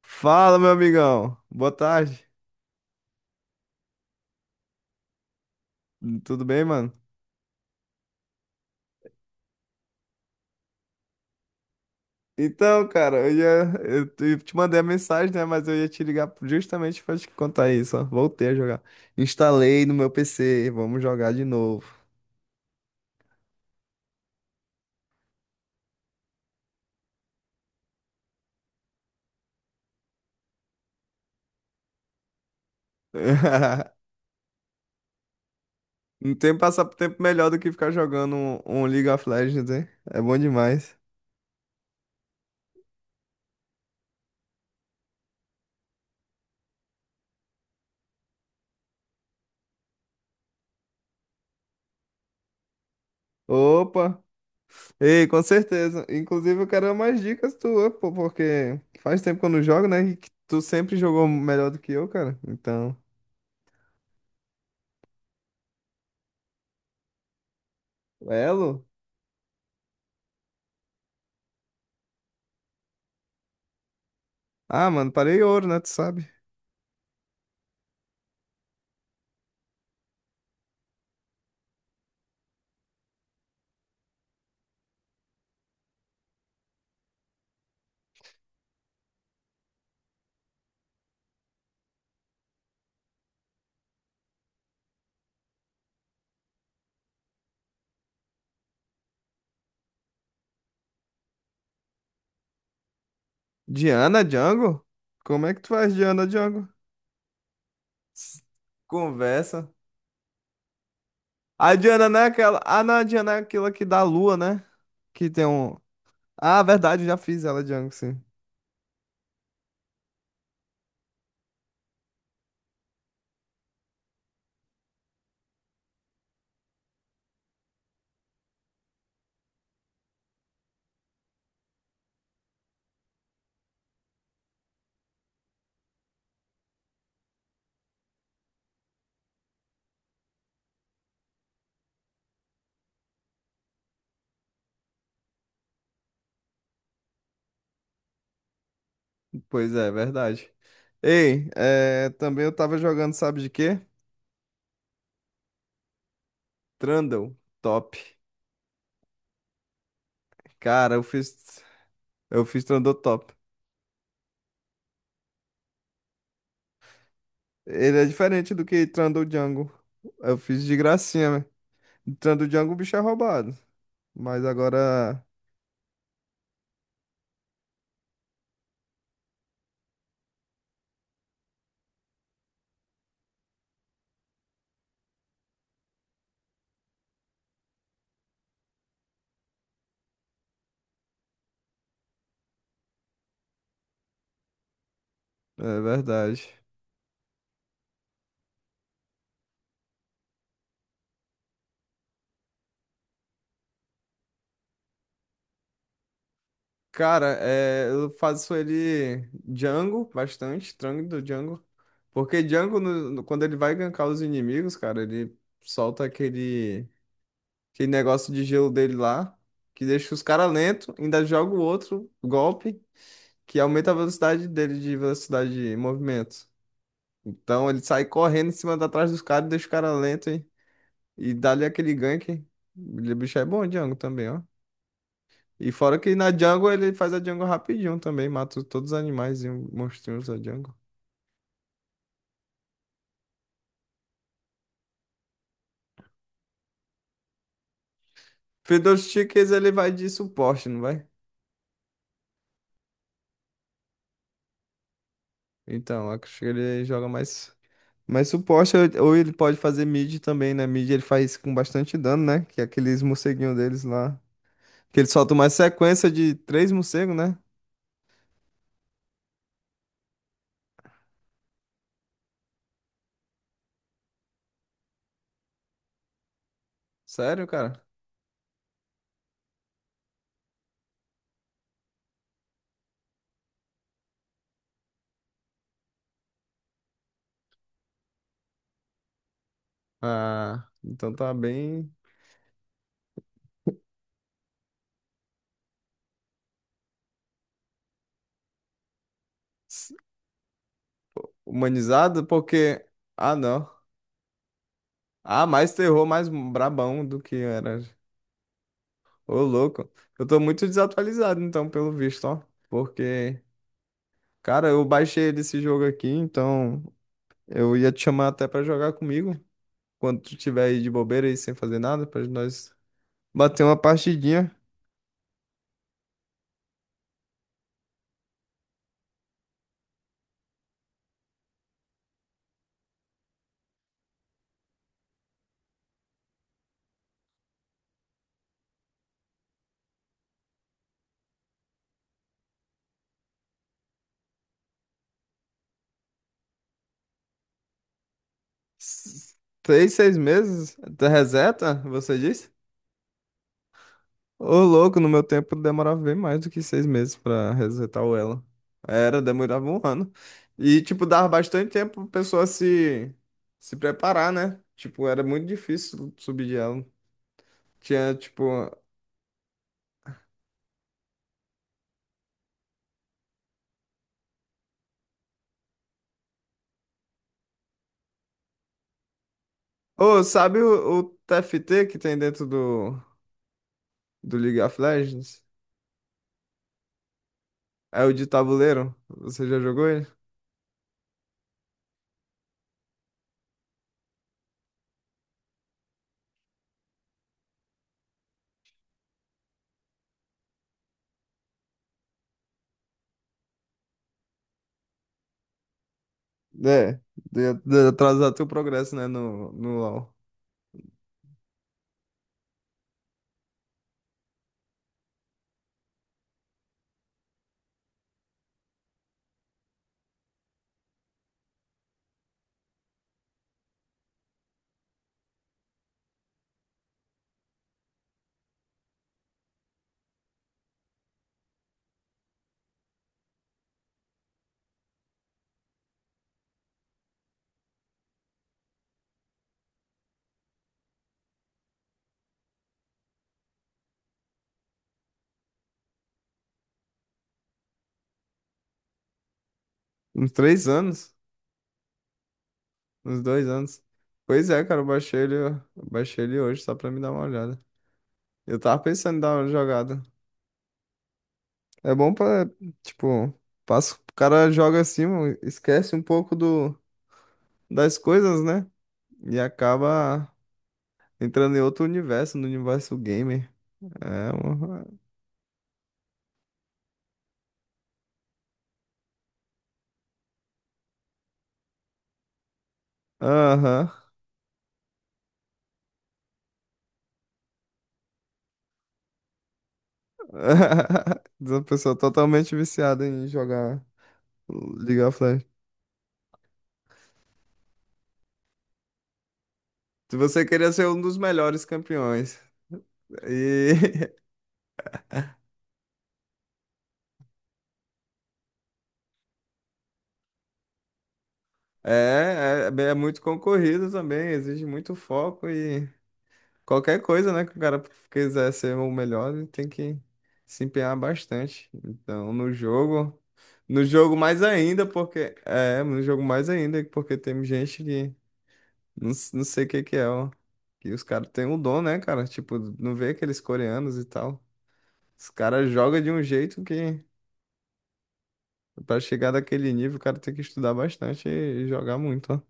Fala, meu amigão. Boa tarde. Tudo bem, mano? Então, cara, eu te mandei a mensagem, né? Mas eu ia te ligar justamente pra te contar isso, ó. Voltei a jogar. Instalei no meu PC. Vamos jogar de novo. Não tem passar tempo melhor do que ficar jogando um League of Legends, hein? É bom demais. Opa! Ei, com certeza. Inclusive, eu quero mais dicas tuas, pô, porque faz tempo que eu não jogo, né? E que tu sempre jogou melhor do que eu, cara. Então, elo? Ah, mano, parei ouro, né? Tu sabe? Diana Django? Como é que tu faz Diana Django? S- Conversa. A Diana não é aquela. Ah, não, a Diana é aquela que dá lua, né? Que tem um. Ah, verdade, já fiz ela Django, sim. Pois é, verdade. Ei, é, também eu tava jogando, sabe de quê? Trundle Top. Cara, eu fiz. Eu fiz Trundle Top. Ele é diferente do que Trundle Django. Eu fiz de gracinha, né? Trundle Django o bicho é roubado. Mas agora. É verdade. Cara, é, eu faço ele Django bastante, Trang do Django. Porque Django, quando ele vai gankar os inimigos, cara, ele solta aquele negócio de gelo dele lá, que deixa os caras lento, ainda joga o outro golpe, que aumenta a velocidade dele de velocidade de movimento. Então ele sai correndo em cima da trás dos caras, deixa os caras lentos, hein? E dá-lhe aquele gank. O bicho é bom, Django, também, ó. E fora que na jungle ele faz a jungle rapidinho também, mata todos os animais e monstrinhos da jungle. Fiddlesticks ele vai de suporte, não vai? Então, acho que ele joga mais, mais suporte, ou ele pode fazer mid também, né? Mid ele faz com bastante dano, né? Que é aqueles morceguinhos deles lá. Que ele solta uma sequência de três morcegos, né? Sério, cara? Ah, então tá bem s- humanizado, porque. Ah, não. Ah, mais terror, mais brabão do que era. Ô, louco. Eu tô muito desatualizado, então, pelo visto, ó. Porque, cara, eu baixei desse jogo aqui, então eu ia te chamar até pra jogar comigo. Quando tu tiver aí de bobeira e sem fazer nada, pra nós bater uma partidinha. S- Três, seis meses? Até reseta, você disse? Ô, louco, no meu tempo demorava bem mais do que seis meses pra resetar o elo. Era, demorava um ano. E, tipo, dava bastante tempo pra pessoa se, se preparar, né? Tipo, era muito difícil subir de elo. Tinha, tipo. Ô, sabe o TFT que tem dentro do League of Legends? É o de tabuleiro? Você já jogou ele? É, de atrasar teu progresso, né? No LoL. Uns três anos? Uns dois anos. Pois é, cara, eu baixei ele hoje só pra me dar uma olhada. Eu tava pensando em dar uma jogada. É bom pra, tipo, passa, o cara joga assim, mano, esquece um pouco do, das coisas, né? E acaba entrando em outro universo, no universo gamer. É, uma- aham. Uma pessoa totalmente viciada em jogar League of Legends. Se você queria ser um dos melhores campeões. E É, é, bem- é muito concorrido também, exige muito foco e qualquer coisa, né, que o cara quiser ser o melhor, ele tem que se empenhar bastante. Então, no jogo, no jogo mais ainda, porque é, no jogo mais ainda, porque tem gente que não, não sei o que que é, ó, que os caras têm um dom, né, cara? Tipo, não vê aqueles coreanos e tal. Os caras jogam de um jeito que para chegar daquele nível, o cara tem que estudar bastante e jogar muito, ó.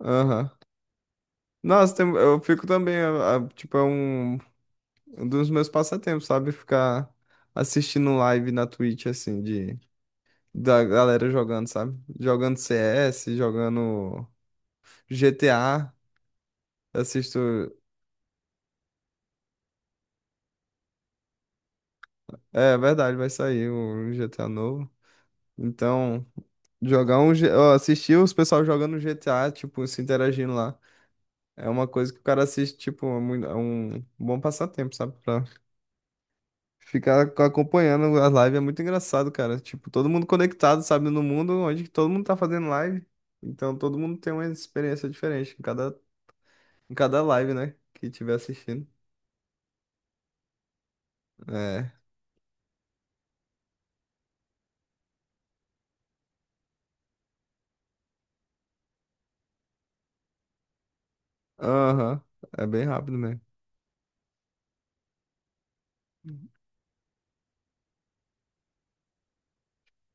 Aham. Nossa, tem- eu fico também, tipo, é um, um dos meus passatempos, sabe? Ficar assistindo live na Twitch, assim, de, da galera jogando, sabe? Jogando CS, jogando GTA, assisto... É, verdade, vai sair o GTA novo. Então, jogar um... Assistir os pessoal jogando GTA, tipo, se interagindo lá, é uma coisa que o cara assiste, tipo, é é um bom passatempo, sabe? Ficar acompanhando as lives é muito engraçado, cara. Tipo, todo mundo conectado, sabe, no mundo onde todo mundo tá fazendo live. Então, todo mundo tem uma experiência diferente em cada live, né? Que tiver assistindo. É. Aham. É bem rápido mesmo.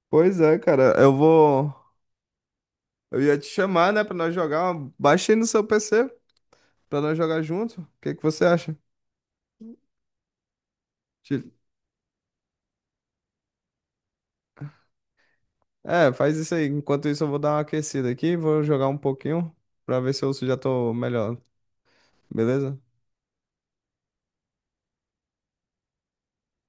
Pois é, cara. Eu vou. Eu ia te chamar, né, pra nós jogar. Uma- Baixa aí no seu PC pra nós jogar junto. O que que você acha? Te- É, faz isso aí. Enquanto isso, eu vou dar uma aquecida aqui. Vou jogar um pouquinho pra ver se eu já tô melhor. Beleza?